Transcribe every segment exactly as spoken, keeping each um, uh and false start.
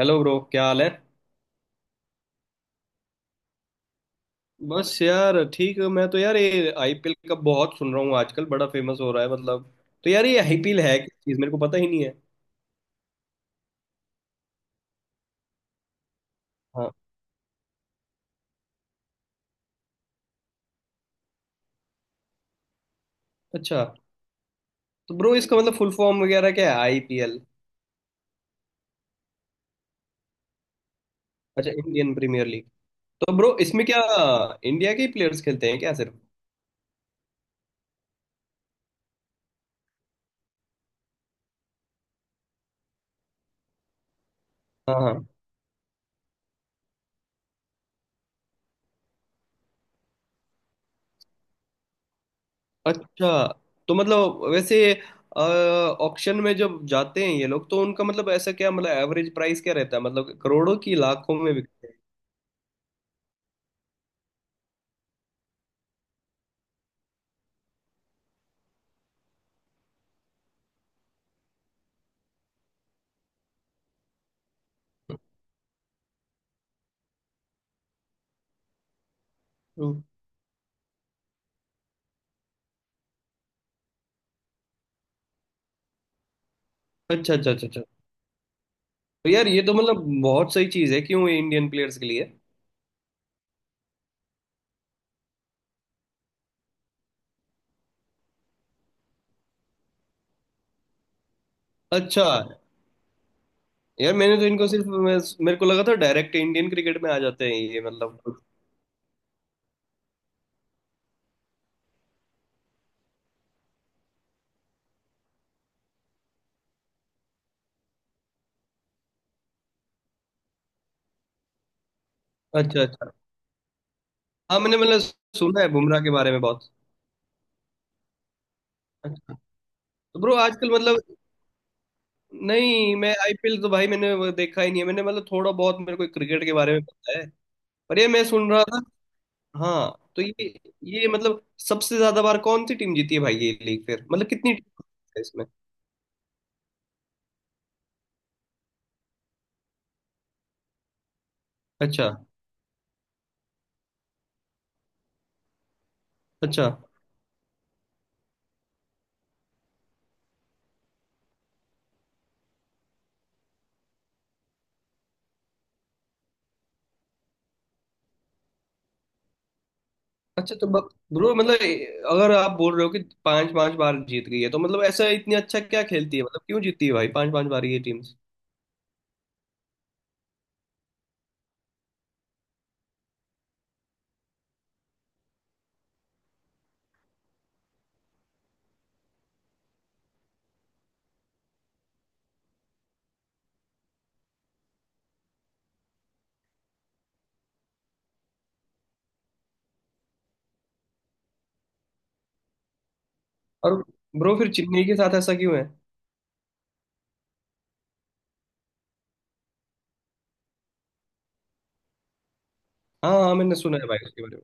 Hello bro, क्या हाल है। बस यार ठीक है। मैं तो यार ये आई पी एल का बहुत सुन रहा हूँ आजकल, बड़ा फेमस हो रहा है मतलब। तो यार ये आईपीएल है क्या चीज़, मेरे को पता ही नहीं है। हाँ, अच्छा। तो ब्रो इसका मतलब फुल फॉर्म वगैरह क्या है आई पी एल। अच्छा, इंडियन प्रीमियर लीग। तो ब्रो इसमें क्या इंडिया के ही प्लेयर्स खेलते हैं क्या सिर्फ। हाँ हाँ, अच्छा। तो मतलब वैसे ऑक्शन में जब जाते हैं ये लोग तो उनका मतलब ऐसा क्या, मतलब एवरेज प्राइस क्या रहता है, मतलब करोड़ों की लाखों में बिकते हैं। हम्म। अच्छा अच्छा अच्छा। तो यार ये तो मतलब बहुत सही चीज है क्यों ये इंडियन प्लेयर्स के लिए। अच्छा है। यार मैंने तो इनको सिर्फ मैं, मेरे को लगा था डायरेक्ट इंडियन क्रिकेट में आ जाते हैं ये मतलब। अच्छा अच्छा। हाँ मैंने मतलब सुना है बुमराह के बारे में बहुत। तो ब्रो आजकल मतलब, नहीं मैं आई पी एल तो भाई मैंने वो देखा ही नहीं है, मैंने मतलब थोड़ा बहुत मेरे को क्रिकेट के बारे में पता है। पर ये मैं सुन रहा था। हाँ तो ये ये मतलब सबसे ज्यादा बार कौन सी टीम जीती है भाई ये लीग, फिर मतलब कितनी टीम है इसमें। अच्छा अच्छा अच्छा। तो ब्रो मतलब अगर आप बोल रहे हो कि पांच पांच बार जीत गई है, तो मतलब ऐसा इतनी अच्छा क्या खेलती है, मतलब क्यों जीतती है भाई पांच पांच बार ये टीम्स। और ब्रो फिर चेन्नई के साथ ऐसा क्यों है। हाँ हाँ, मैंने सुना है भाई उसके बारे में।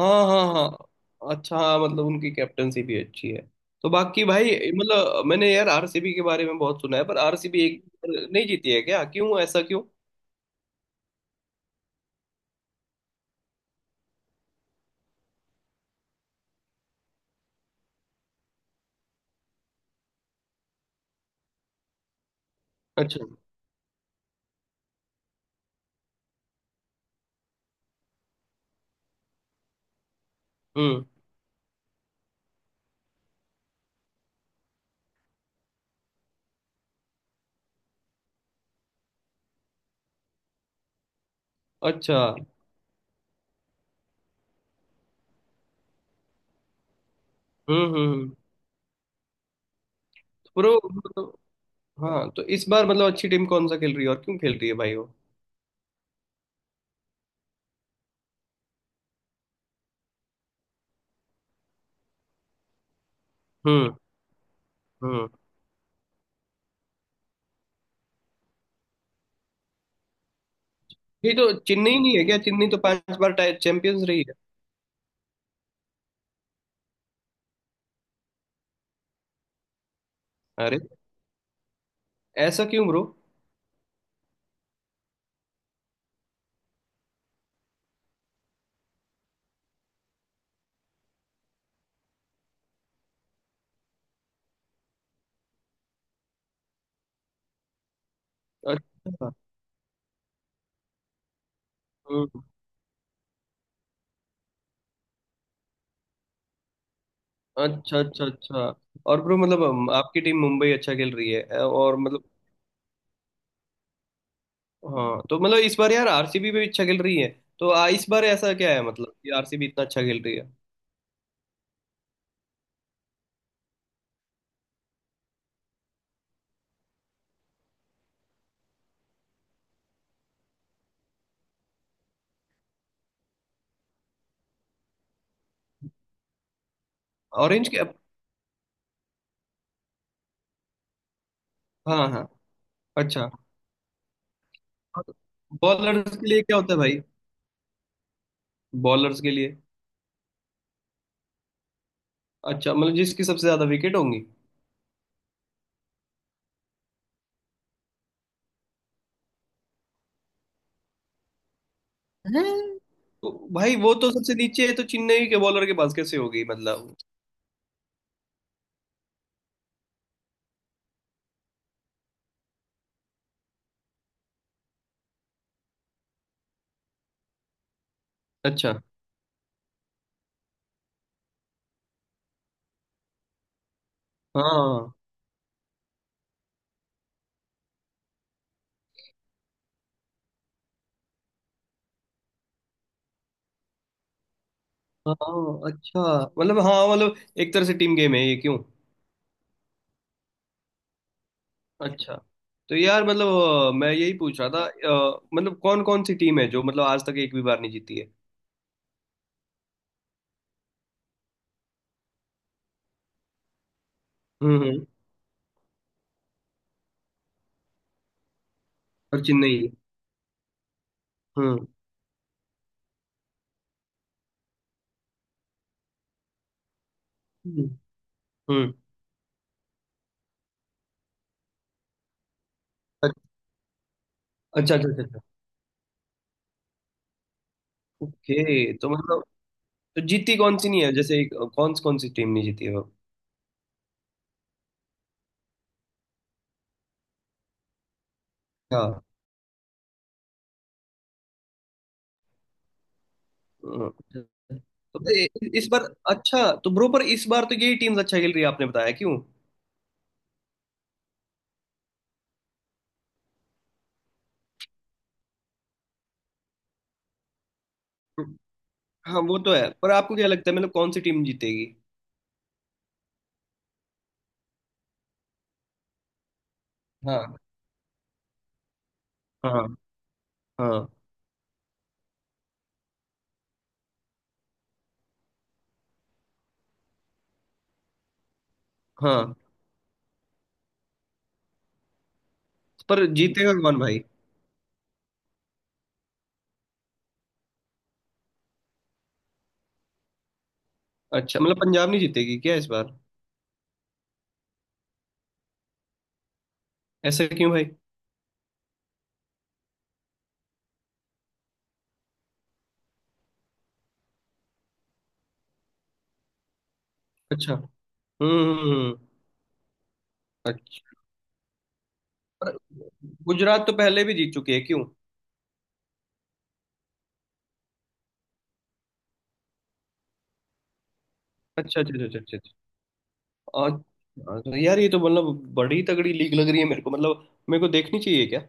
हाँ हाँ हाँ, अच्छा। हाँ मतलब उनकी कैप्टनसी भी अच्छी है। तो बाकी भाई मतलब मैंने यार आर सी बी के बारे में बहुत सुना है, पर आर सी बी एक भी नहीं जीती है क्या, क्यों ऐसा क्यों। अच्छा। हम्म। अच्छा। हम्म हम्म हम्म। तो ब्रो मतलब, हाँ तो इस बार मतलब अच्छी टीम कौन सा खेल रही है और क्यों खेल रही है भाई वो। हम्म। हम्म। ये तो चेन्नई नहीं है क्या, चेन्नई तो पांच बार चैंपियंस रही है। अरे, ऐसा क्यों ब्रो। अच्छा। हम्म। अच्छा अच्छा अच्छा। और ब्रो मतलब हम- आपकी टीम मुंबई अच्छा खेल रही है, अ, और मतलब। हाँ तो मतलब इस बार यार आरसीबी भी अच्छा खेल रही है। तो आ, इस बार ऐसा क्या है, मतलब कि आर सी बी इतना अच्छा खेल रही है। ऑरेंज के। हाँ हाँ, अच्छा। बॉलर्स के लिए क्या होता है भाई, बॉलर्स के लिए। अच्छा, मतलब जिसकी सबसे ज्यादा विकेट होंगी। हैं? तो भाई वो तो सबसे नीचे है, तो चेन्नई के बॉलर के पास कैसे होगी मतलब। अच्छा। हाँ हाँ। अच्छा, मतलब हाँ, मतलब एक तरह से टीम गेम है ये क्यों। अच्छा। तो यार मतलब अ, मैं यही पूछ रहा था, अ, मतलब कौन कौन सी टीम है जो मतलब आज तक एक भी बार नहीं जीती है। हम्म। हम्म, और चेन्नई है। हम्म। हम्म हम्म, अच्छा अच्छा अच्छा अच्छा। ओके, तो मतलब तो जीती कौन सी नहीं है, जैसे एक- कौन कौन सी टीम नहीं जीती है वो। हाँ। हम्म, तो ए- इस बार, अच्छा तो ब्रो पर इस बार तो यही टीम्स अच्छा खेल रही है आपने बताया क्यों। हाँ वो तो है, पर आपको क्या लगता है मतलब कौन सी टीम जीतेगी। हाँ हाँ हाँ हाँ। पर जीतेगा कौन भाई। अच्छा, मतलब पंजाब नहीं जीतेगी क्या इस बार। ऐसा क्यों भाई। अच्छा। हम्म। अच्छा। पर गुजरात तो पहले भी जीत चुकी है क्यों। अच्छा अच्छा अच्छा अच्छा अच्छा। और- और यार ये तो मतलब बड़ी तगड़ी लीग लग रही है मेरे को, मतलब मेरे को देखनी चाहिए क्या।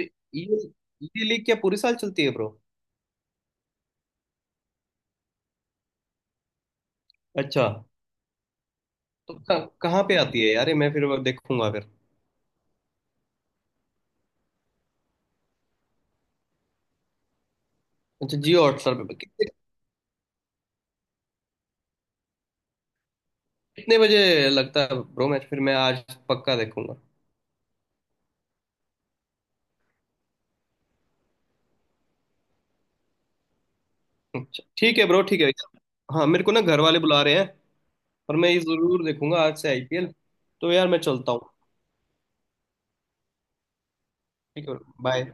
ये ये लीग क्या पूरे साल चलती है ब्रो। अच्छा, तो कहाँ कहाँ पे आती है यार ये, मैं फिर वो देखूंगा फिर। अच्छा, जियो हॉटस्टार पे कितने, कितने बजे लगता है ब्रो मैच, फिर मैं आज पक्का देखूंगा। अच्छा ठीक है ब्रो, ठीक है। हाँ मेरे को ना घर वाले बुला रहे हैं, पर मैं ये जरूर देखूंगा आज से आई पी एल। तो यार मैं चलता हूँ। ठीक है। बाय।